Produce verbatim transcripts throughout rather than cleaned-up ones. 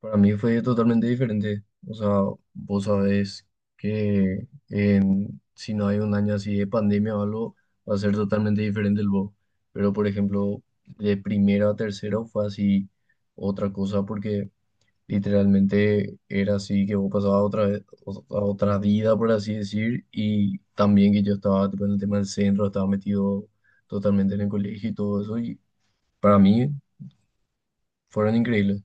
Para mí fue totalmente diferente. O sea, vos sabés que en- si no hay un año así de pandemia o algo, va a ser totalmente diferente el vos. Pero, por ejemplo, de primero a tercero fue así otra cosa porque literalmente era así que vos pasabas a otra, vez- a otra vida, por así decir, y también que yo estaba tipo, en el tema del centro, estaba metido totalmente en el colegio y todo eso, y para mí fueron increíbles.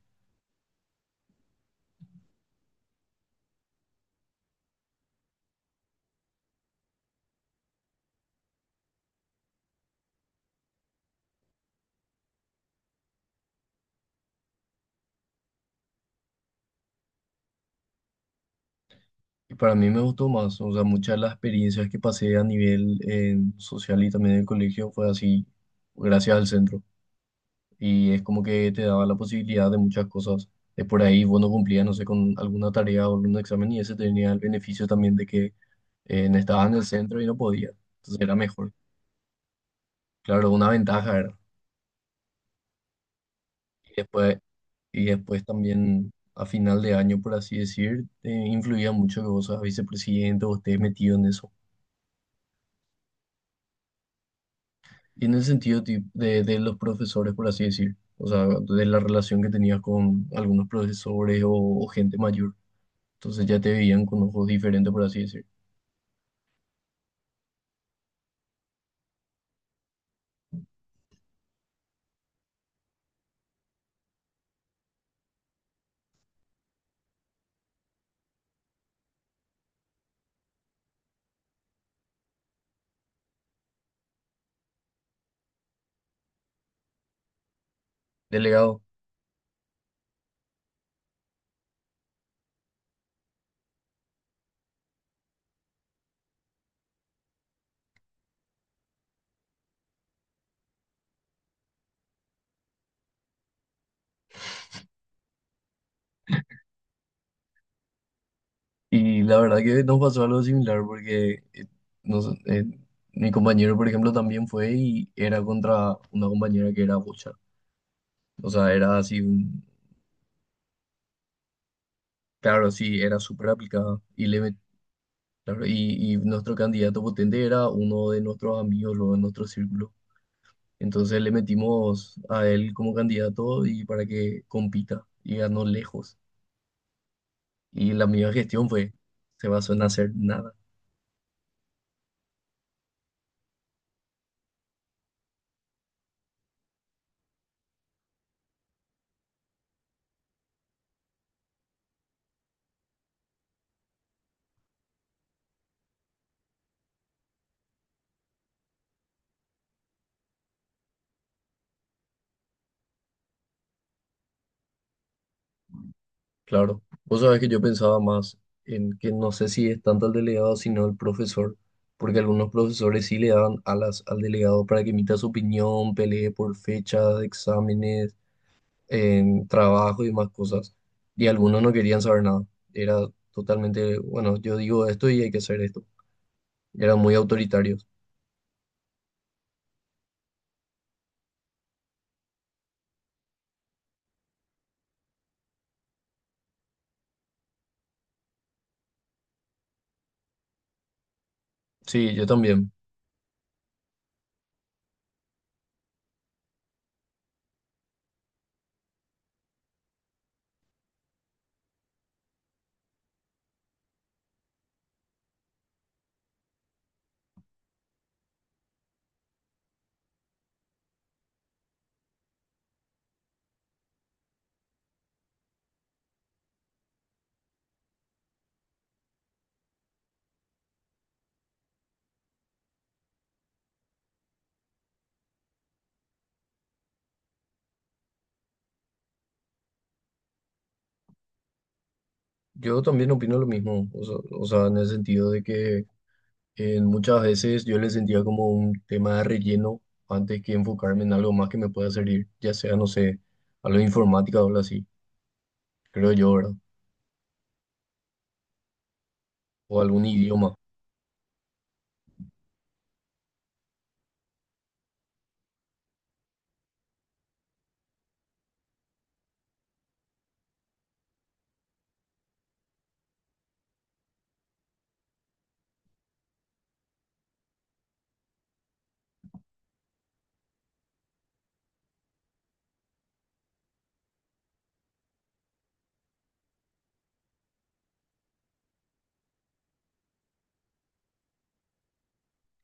Y para mí me gustó más, o sea, muchas de las experiencias que pasé a nivel eh, social y también en el colegio fue así, gracias al centro. Y es como que te daba la posibilidad de muchas cosas. Es por ahí vos no cumplías, no sé, con alguna tarea o algún examen y ese tenía el beneficio también de que eh, no estabas en el centro y no podías. Entonces era mejor. Claro, una ventaja era. Y después, y después también a final de año, por así decir, eh, influía mucho que vos seas vicepresidente o estés metido en eso. Y en el sentido ti- de, de los profesores, por así decir, o sea, de la relación que tenías con algunos profesores o, o gente mayor, entonces ya te veían con ojos diferentes, por así decir, delegado. Y la verdad que nos pasó algo similar porque eh, nos- eh, mi compañero, por ejemplo, también fue y era contra una compañera que era bocha. O sea, era así, un- claro, sí, era súper aplicada y le met- claro, y, y nuestro candidato potente era uno de nuestros amigos, luego de nuestro círculo. Entonces le metimos a él como candidato y para que compita y ganó lejos. Y la misma gestión fue, se basó en hacer nada, claro. Vos sabés que yo pensaba más en que no sé si es tanto al delegado sino al profesor, porque algunos profesores sí le daban alas al delegado para que emita su opinión, pelee por fechas, exámenes, en trabajo y más cosas. Y algunos no querían saber nada. Era totalmente, bueno, yo digo esto y hay que hacer esto. Era muy autoritario. Sí, yo también. Yo también opino lo mismo, o sea, o sea, en el sentido de que en muchas veces yo le sentía como un tema de relleno antes que enfocarme en algo más que me pueda servir, ya sea, no sé, algo de informática o algo así, creo yo, ¿verdad? O algún idioma,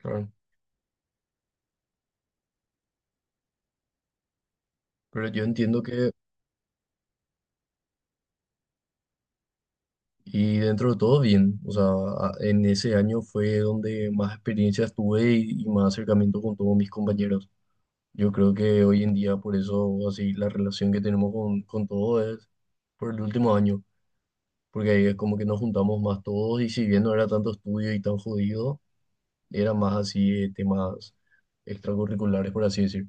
claro. Pero yo entiendo que, y dentro de todo bien, o sea, a- en ese año fue donde más experiencias tuve y, y más acercamiento con todos mis compañeros. Yo creo que hoy en día, por eso, así, la relación que tenemos con, con todo es por el último año, porque ahí es como que nos juntamos más todos y si bien no era tanto estudio y tan jodido, era más así eh, temas extracurriculares, por así decir.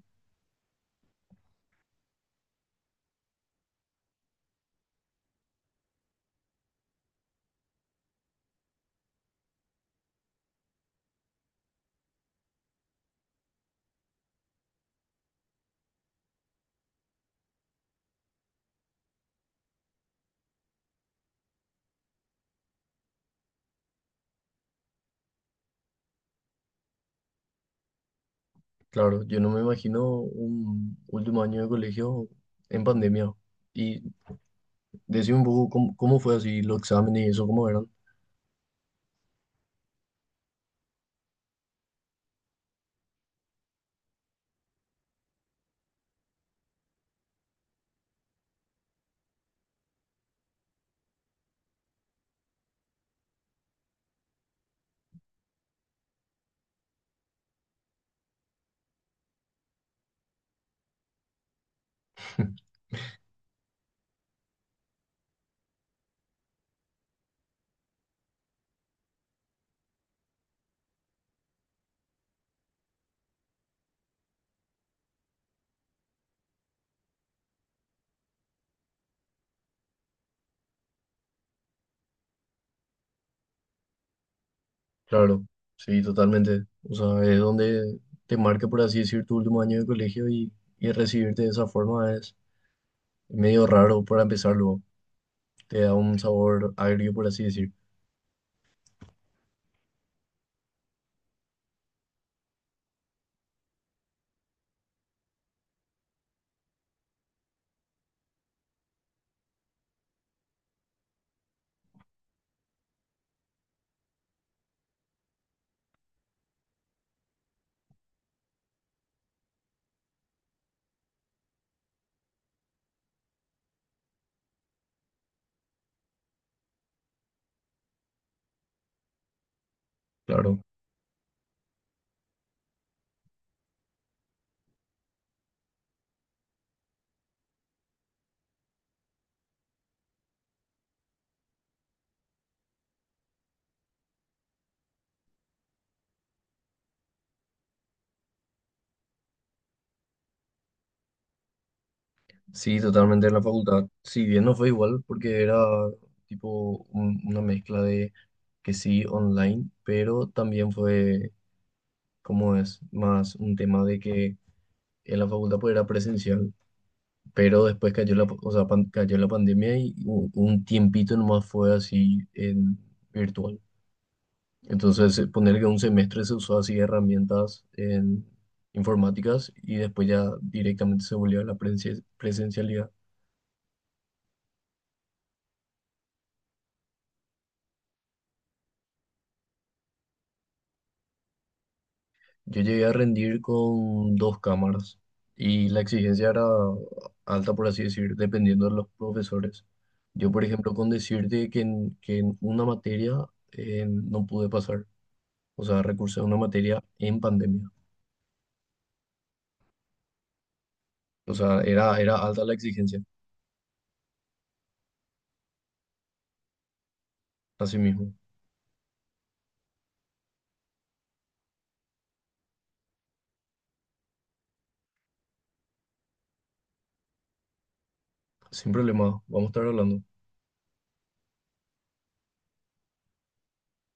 Claro, yo no me imagino un último año de colegio en pandemia. Y decime un poco cómo, cómo fue así los exámenes y eso, cómo eran. Claro, sí, totalmente. O sea, es donde te marca, por así decir, tu último año de colegio y, y recibirte de esa forma es medio raro para empezarlo. Te da un sabor agrio, por así decir. Claro, sí, totalmente en la facultad. Si bien no fue igual, porque era tipo un- una mezcla de que sí online, pero también fue, como es, más un tema de que en la facultad pues era presencial pero después cayó la, o sea, pan- cayó la pandemia y u- un tiempito nomás fue así en virtual. Entonces, eh, poner que un semestre se usó así herramientas en informáticas y después ya directamente se volvió a la presen- presencialidad. Yo llegué a rendir con dos cámaras y la exigencia era alta, por así decir, dependiendo de los profesores. Yo, por ejemplo, con decirte que en, que en una materia eh, no pude pasar, o sea, recursé a una materia en pandemia. O sea, era, era alta la exigencia, así mismo. Sin problema, vamos a estar hablando.